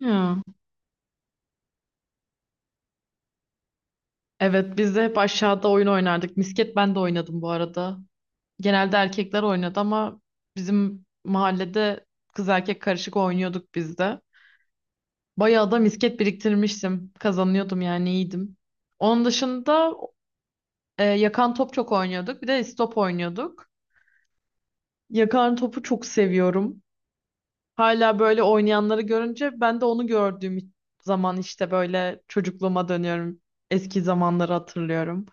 Ya. Evet biz de hep aşağıda oyun oynardık. Misket ben de oynadım bu arada. Genelde erkekler oynadı ama bizim mahallede kız erkek karışık oynuyorduk biz de. Bayağı da misket biriktirmiştim. Kazanıyordum yani iyiydim. Onun dışında yakan top çok oynuyorduk. Bir de istop oynuyorduk. Yakan topu çok seviyorum. Hala böyle oynayanları görünce ben de onu gördüğüm zaman işte böyle çocukluğuma dönüyorum. Eski zamanları hatırlıyorum.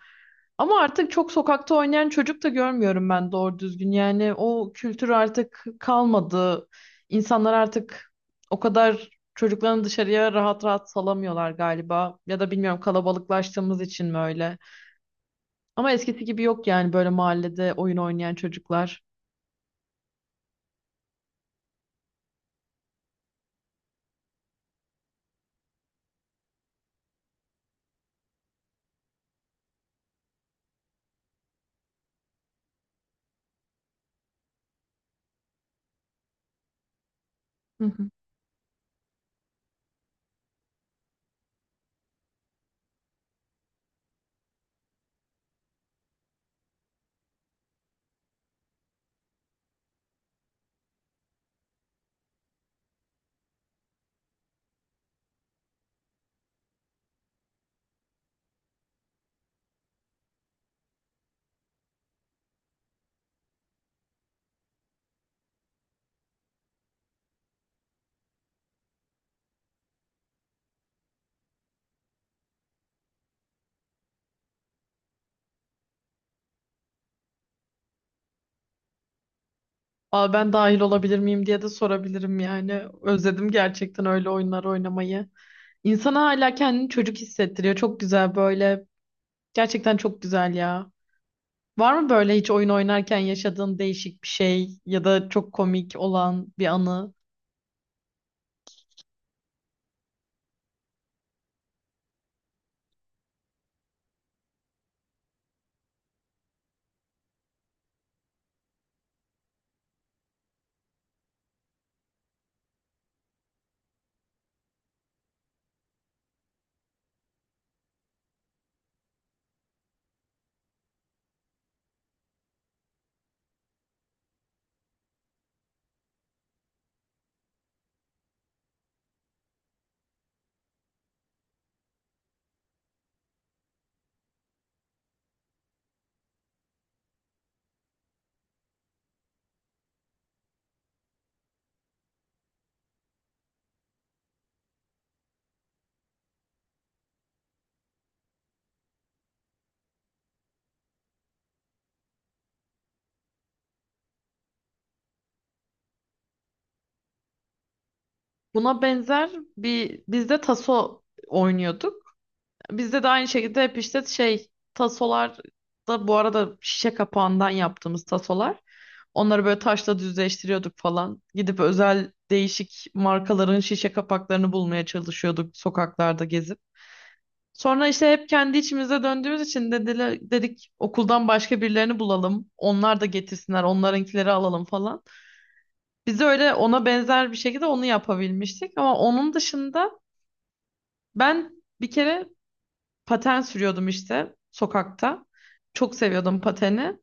Ama artık çok sokakta oynayan çocuk da görmüyorum ben doğru düzgün. Yani o kültür artık kalmadı. İnsanlar artık o kadar çocuklarını dışarıya rahat rahat salamıyorlar galiba. Ya da bilmiyorum kalabalıklaştığımız için mi öyle. Ama eskisi gibi yok yani böyle mahallede oyun oynayan çocuklar. Hı hı. Aa, ben dahil olabilir miyim diye de sorabilirim yani. Özledim gerçekten öyle oyunlar oynamayı. İnsana hala kendini çocuk hissettiriyor. Çok güzel böyle. Gerçekten çok güzel ya. Var mı böyle hiç oyun oynarken yaşadığın değişik bir şey ya da çok komik olan bir anı? Buna benzer bir biz de taso oynuyorduk. Bizde de aynı şekilde hep işte şey tasolar da bu arada şişe kapağından yaptığımız tasolar. Onları böyle taşla düzleştiriyorduk falan. Gidip özel değişik markaların şişe kapaklarını bulmaya çalışıyorduk sokaklarda gezip. Sonra işte hep kendi içimize döndüğümüz için dediler, dedik okuldan başka birilerini bulalım. Onlar da getirsinler, onlarınkileri alalım falan. Biz de öyle ona benzer bir şekilde onu yapabilmiştik. Ama onun dışında ben bir kere paten sürüyordum işte sokakta. Çok seviyordum pateni.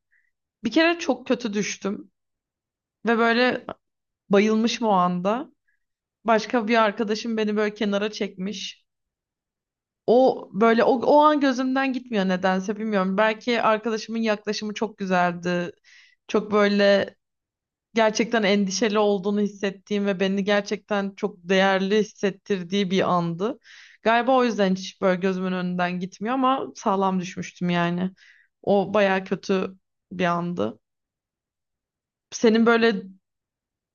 Bir kere çok kötü düştüm ve böyle bayılmışım o anda. Başka bir arkadaşım beni böyle kenara çekmiş. O böyle o an gözümden gitmiyor nedense bilmiyorum. Belki arkadaşımın yaklaşımı çok güzeldi. Çok böyle gerçekten endişeli olduğunu hissettiğim ve beni gerçekten çok değerli hissettirdiği bir andı. Galiba o yüzden hiç böyle gözümün önünden gitmiyor ama sağlam düşmüştüm yani. O baya kötü bir andı. Senin böyle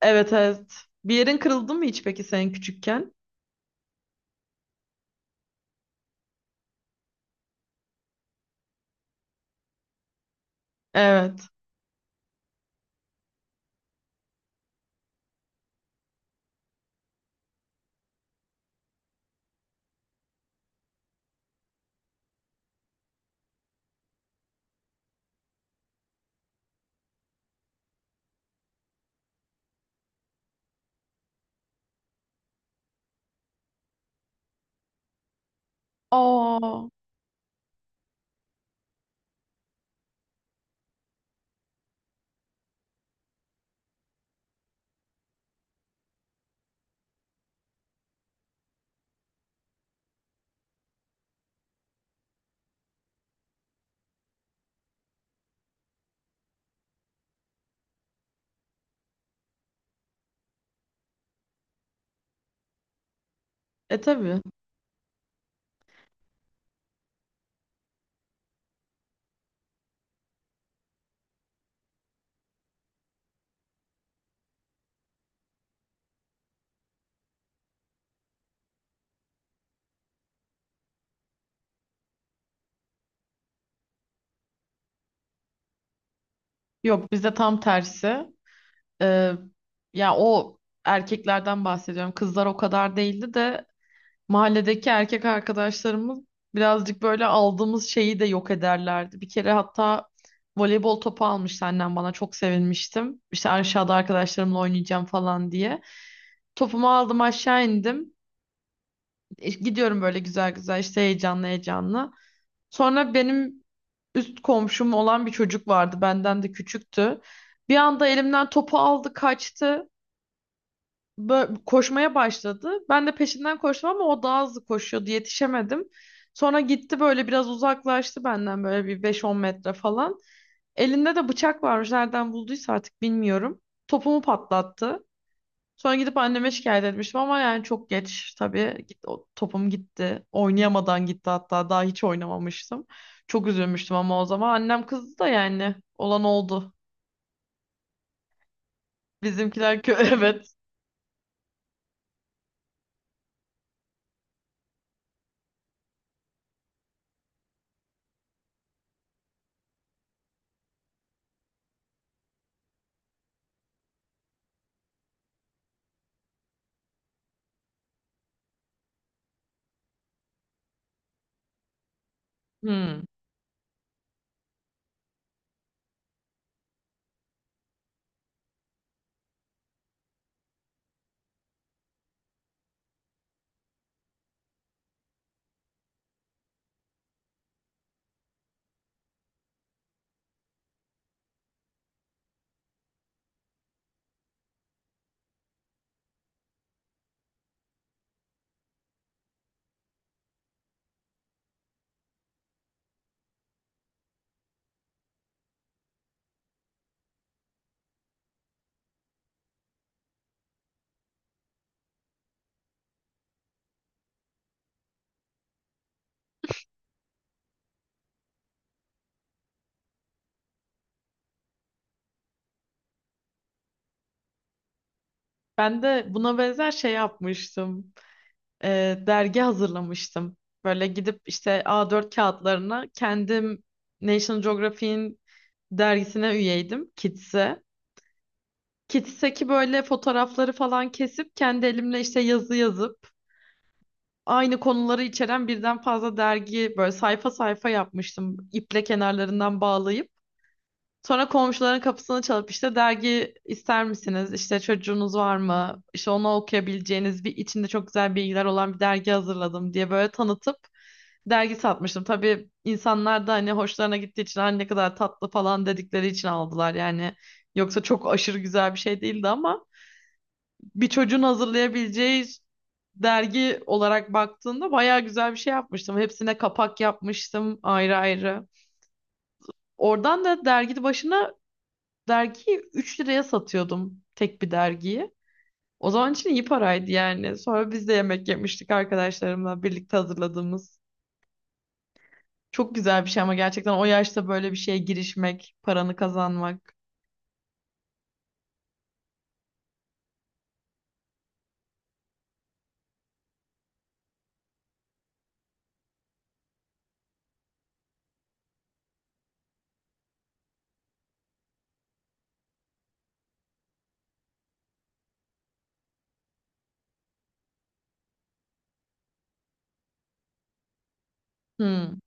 evet, evet, bir yerin kırıldı mı hiç peki senin küçükken? Evet. Aa, e tabii. Yok bizde tam tersi. Ee, ya o erkeklerden bahsediyorum. Kızlar o kadar değildi de mahalledeki erkek arkadaşlarımız birazcık böyle aldığımız şeyi de yok ederlerdi. Bir kere hatta voleybol topu almıştı annem bana çok sevinmiştim. İşte aşağıda arkadaşlarımla oynayacağım falan diye. Topumu aldım aşağı indim. Gidiyorum böyle güzel güzel işte heyecanlı heyecanlı. Sonra benim üst komşum olan bir çocuk vardı. Benden de küçüktü. Bir anda elimden topu aldı kaçtı, koşmaya başladı. Ben de peşinden koştum ama o daha hızlı koşuyordu. Yetişemedim. Sonra gitti böyle biraz uzaklaştı benden böyle bir beş on metre falan. Elinde de bıçak varmış. Nereden bulduysa artık bilmiyorum. Topumu patlattı. Sonra gidip anneme şikayet etmiştim ama yani çok geç tabii. Git, o topum gitti. Oynayamadan gitti hatta. Daha hiç oynamamıştım. Çok üzülmüştüm ama o zaman annem kızdı da yani olan oldu. Bizimkiler evet. Hmm. Ben de buna benzer şey yapmıştım. Dergi hazırlamıştım. Böyle gidip işte A4 kağıtlarına kendim National Geographic'in dergisine üyeydim, Kids'e. Kids'teki böyle fotoğrafları falan kesip kendi elimle işte yazı yazıp aynı konuları içeren birden fazla dergi böyle sayfa sayfa yapmıştım. İple kenarlarından bağlayıp. Sonra komşuların kapısını çalıp işte dergi ister misiniz? İşte çocuğunuz var mı? İşte onu okuyabileceğiniz bir içinde çok güzel bilgiler olan bir dergi hazırladım diye böyle tanıtıp dergi satmıştım. Tabii insanlar da hani hoşlarına gittiği için, "Ay ne kadar tatlı" falan dedikleri için aldılar yani. Yoksa çok aşırı güzel bir şey değildi ama bir çocuğun hazırlayabileceği dergi olarak baktığında bayağı güzel bir şey yapmıştım. Hepsine kapak yapmıştım ayrı ayrı. Oradan da dergi başına dergiyi 3 liraya satıyordum tek bir dergiyi. O zaman için iyi paraydı yani. Sonra biz de yemek yemiştik arkadaşlarımla birlikte hazırladığımız. Çok güzel bir şey ama gerçekten o yaşta böyle bir şeye girişmek, paranı kazanmak. Hmm.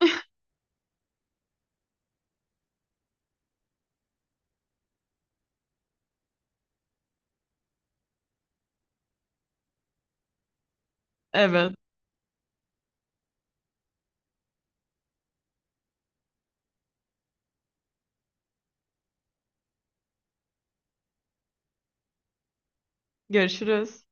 Evet. Görüşürüz.